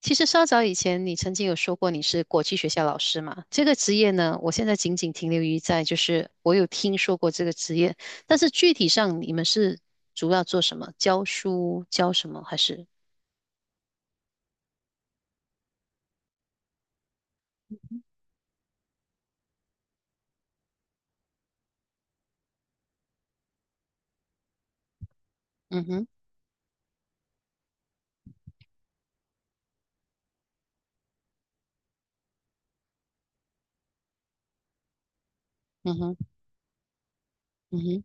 其实稍早以前，你曾经有说过你是国际学校老师嘛？这个职业呢，我现在仅仅停留于在就是我有听说过这个职业，但是具体上你们是主要做什么？教书教什么？还是？嗯哼。嗯哼。嗯哼。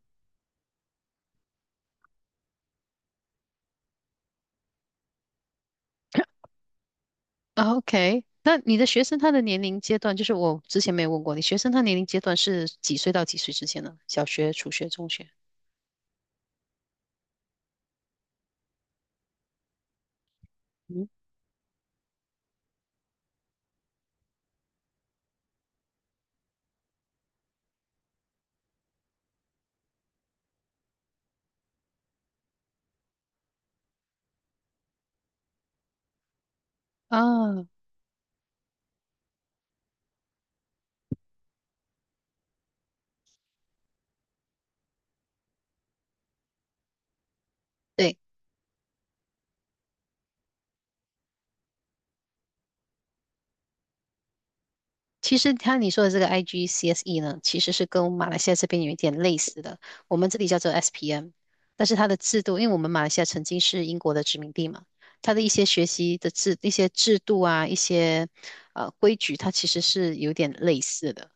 o k， 那你的学生他的年龄阶段，就是我之前没有问过你，学生他年龄阶段是几岁到几岁之间呢？小学、初学、中学？嗯。啊，对。其实他你说的这个 IGCSE 呢，其实是跟马来西亚这边有一点类似的，我们这里叫做 SPM，但是它的制度，因为我们马来西亚曾经是英国的殖民地嘛，它的一些学习的制、一些制度啊、一些规矩，它其实是有点类似的。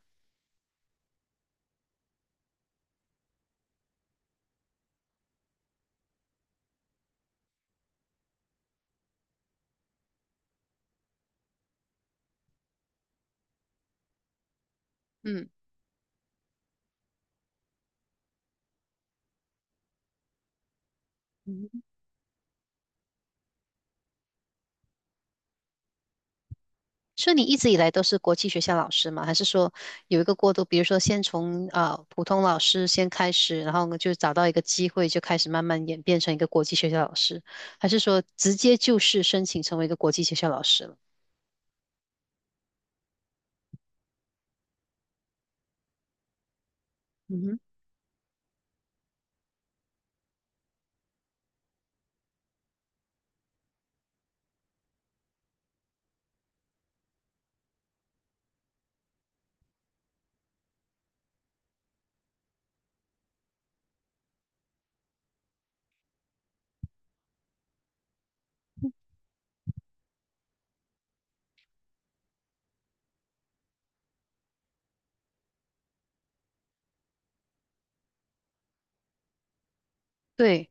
嗯，所以你一直以来都是国际学校老师吗？还是说有一个过渡？比如说先从普通老师先开始，然后就找到一个机会，就开始慢慢演变成一个国际学校老师，还是说直接就是申请成为一个国际学校老师了？嗯哼。对。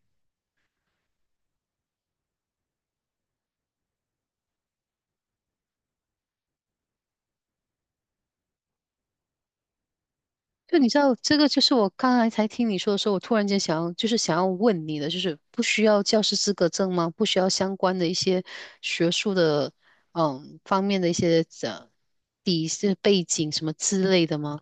就你知道这个，就是我刚才才听你说的时候，我突然间想要，就是想要问你的，就是不需要教师资格证吗？不需要相关的一些学术的方面的一些底是背景什么之类的吗？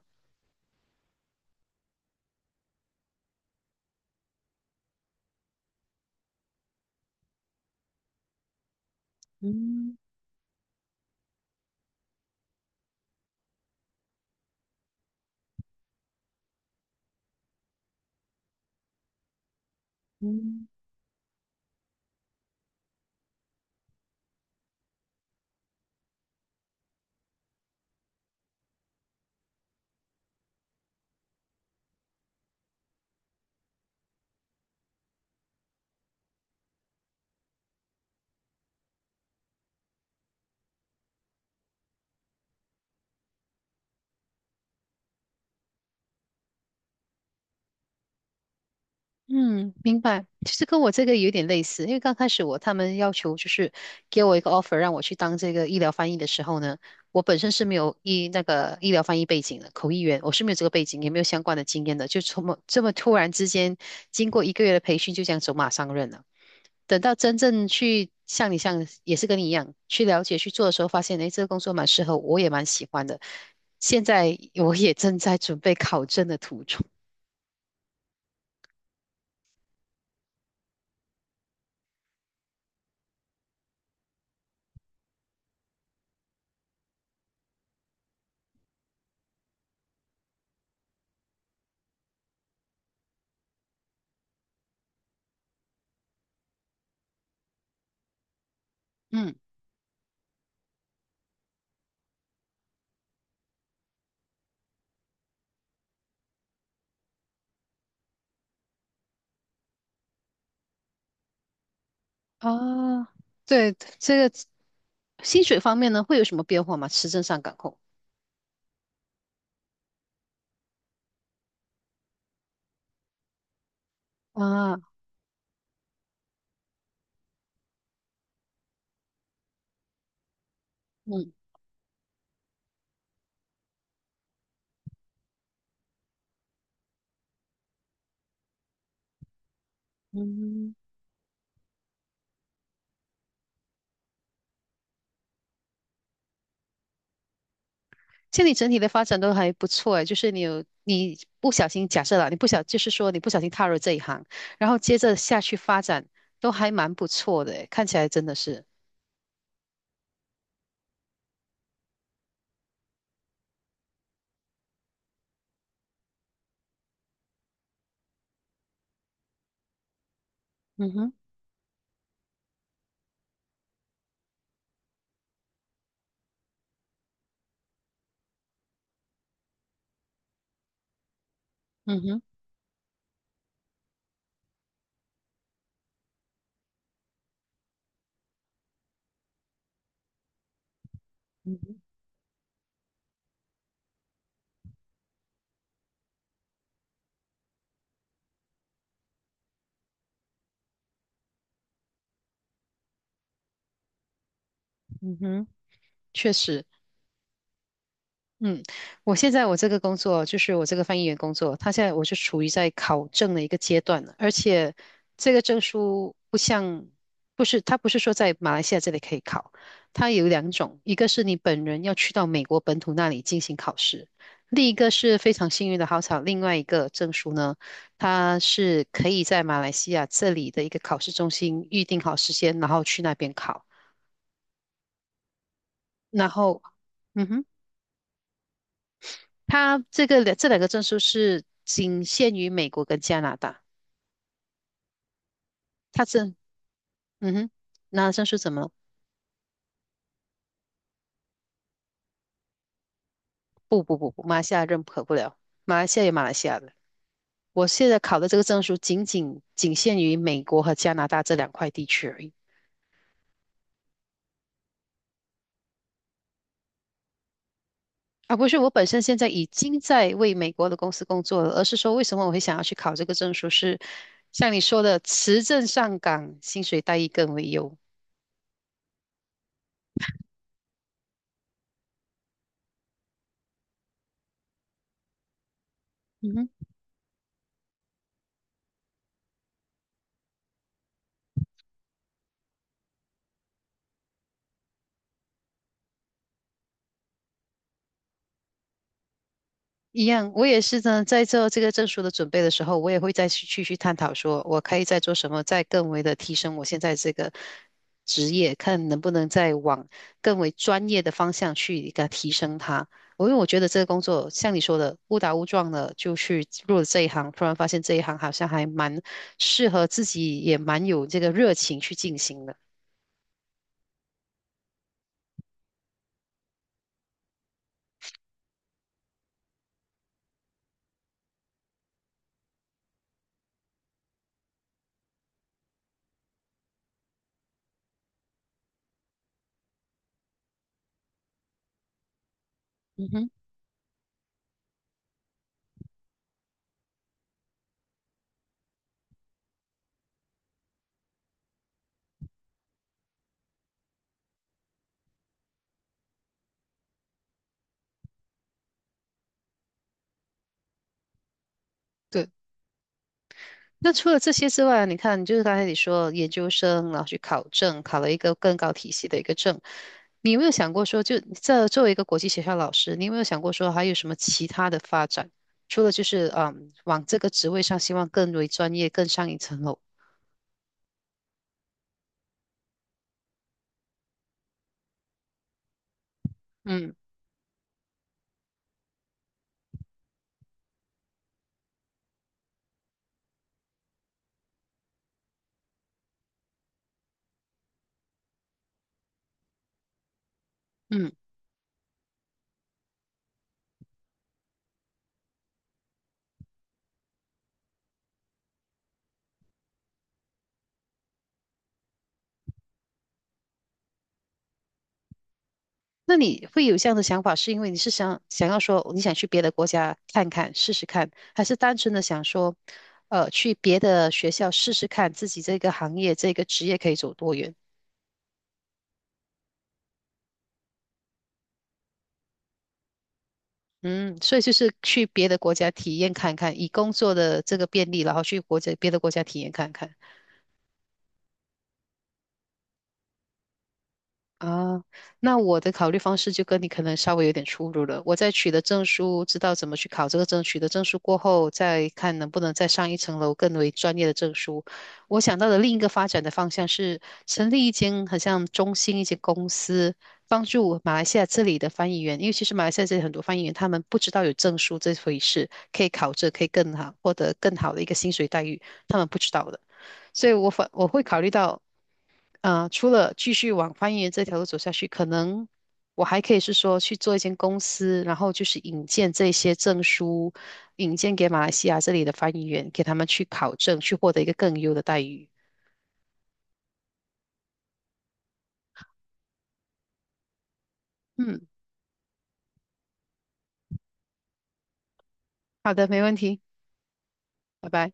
嗯，明白。其实跟我这个有点类似，因为刚开始我他们要求就是给我一个 offer 让我去当这个医疗翻译的时候呢，我本身是没有医那个医疗翻译背景的，口译员我是没有这个背景，也没有相关的经验的，就这么这么突然之间，经过1个月的培训就这样走马上任了。等到真正去像你像也是跟你一样去了解去做的时候，发现诶这个工作蛮适合我，我也蛮喜欢的。现在我也正在准备考证的途中。嗯。啊，对，这个薪水方面呢，会有什么变化吗？持证上岗后？啊。嗯。嗯。现在你整体的发展都还不错诶，就是你有你不小心假设了，你不小就是说你不小心踏入这一行，然后接着下去发展都还蛮不错的诶，看起来真的是，嗯哼。嗯哼。嗯哼。嗯哼。确实。嗯，我现在这个工作就是我这个翻译员工作，他现在我是处于在考证的一个阶段了，而且这个证书不像，不是，他不是说在马来西亚这里可以考，它有两种，一个是你本人要去到美国本土那里进行考试，另一个是非常幸运的好巧，另外一个证书呢，它是可以在马来西亚这里的一个考试中心预定好时间，然后去那边考，然后，嗯哼。他这个两这两个证书是仅限于美国跟加拿大，他证，嗯哼。那证书怎么了不不不不，马来西亚认可不了，马来西亚有马来西亚的。我现在考的这个证书仅限于美国和加拿大这两块地区而已。而不是，我本身现在已经在为美国的公司工作了，而是说为什么我会想要去考这个证书是，像你说的，持证上岗，薪水待遇更为优。嗯哼。一样，我也是呢，在做这个证书的准备的时候，我也会再去探讨，说我可以再做什么，再更为的提升我现在这个职业，看能不能再往更为专业的方向去给它提升它。我因为我觉得这个工作像你说的误打误撞的就去入了这一行，突然发现这一行好像还蛮适合自己，也蛮有这个热情去进行的。嗯哼。对。那除了这些之外，你看，就是刚才你说研究生，然后去考证，考了一个更高体系的一个证，你有没有想过说，就这作为一个国际学校老师，你有没有想过说还有什么其他的发展？除了就是嗯，往这个职位上，希望更为专业，更上一层楼。嗯。嗯。那你会有这样的想法，是因为你是想要说你想去别的国家看看试试看，还是单纯的想说，去别的学校试试看自己这个行业这个职业可以走多远？嗯，所以就是去别的国家体验看看，以工作的这个便利，然后去国家别的国家体验看看。啊，那我的考虑方式就跟你可能稍微有点出入了。我在取得证书，知道怎么去考这个证，取得证书过后，再看能不能再上一层楼，更为专业的证书。我想到的另一个发展的方向是成立一间很像中心一间公司，帮助马来西亚这里的翻译员，因为其实马来西亚这里很多翻译员他们不知道有证书这回事，可以考这，可以更好获得更好的一个薪水待遇，他们不知道的。所以我会考虑到。除了继续往翻译员这条路走下去，可能我还可以是说去做一间公司，然后就是引荐这些证书，引荐给马来西亚这里的翻译员，给他们去考证，去获得一个更优的待遇。嗯，好的，没问题，拜拜。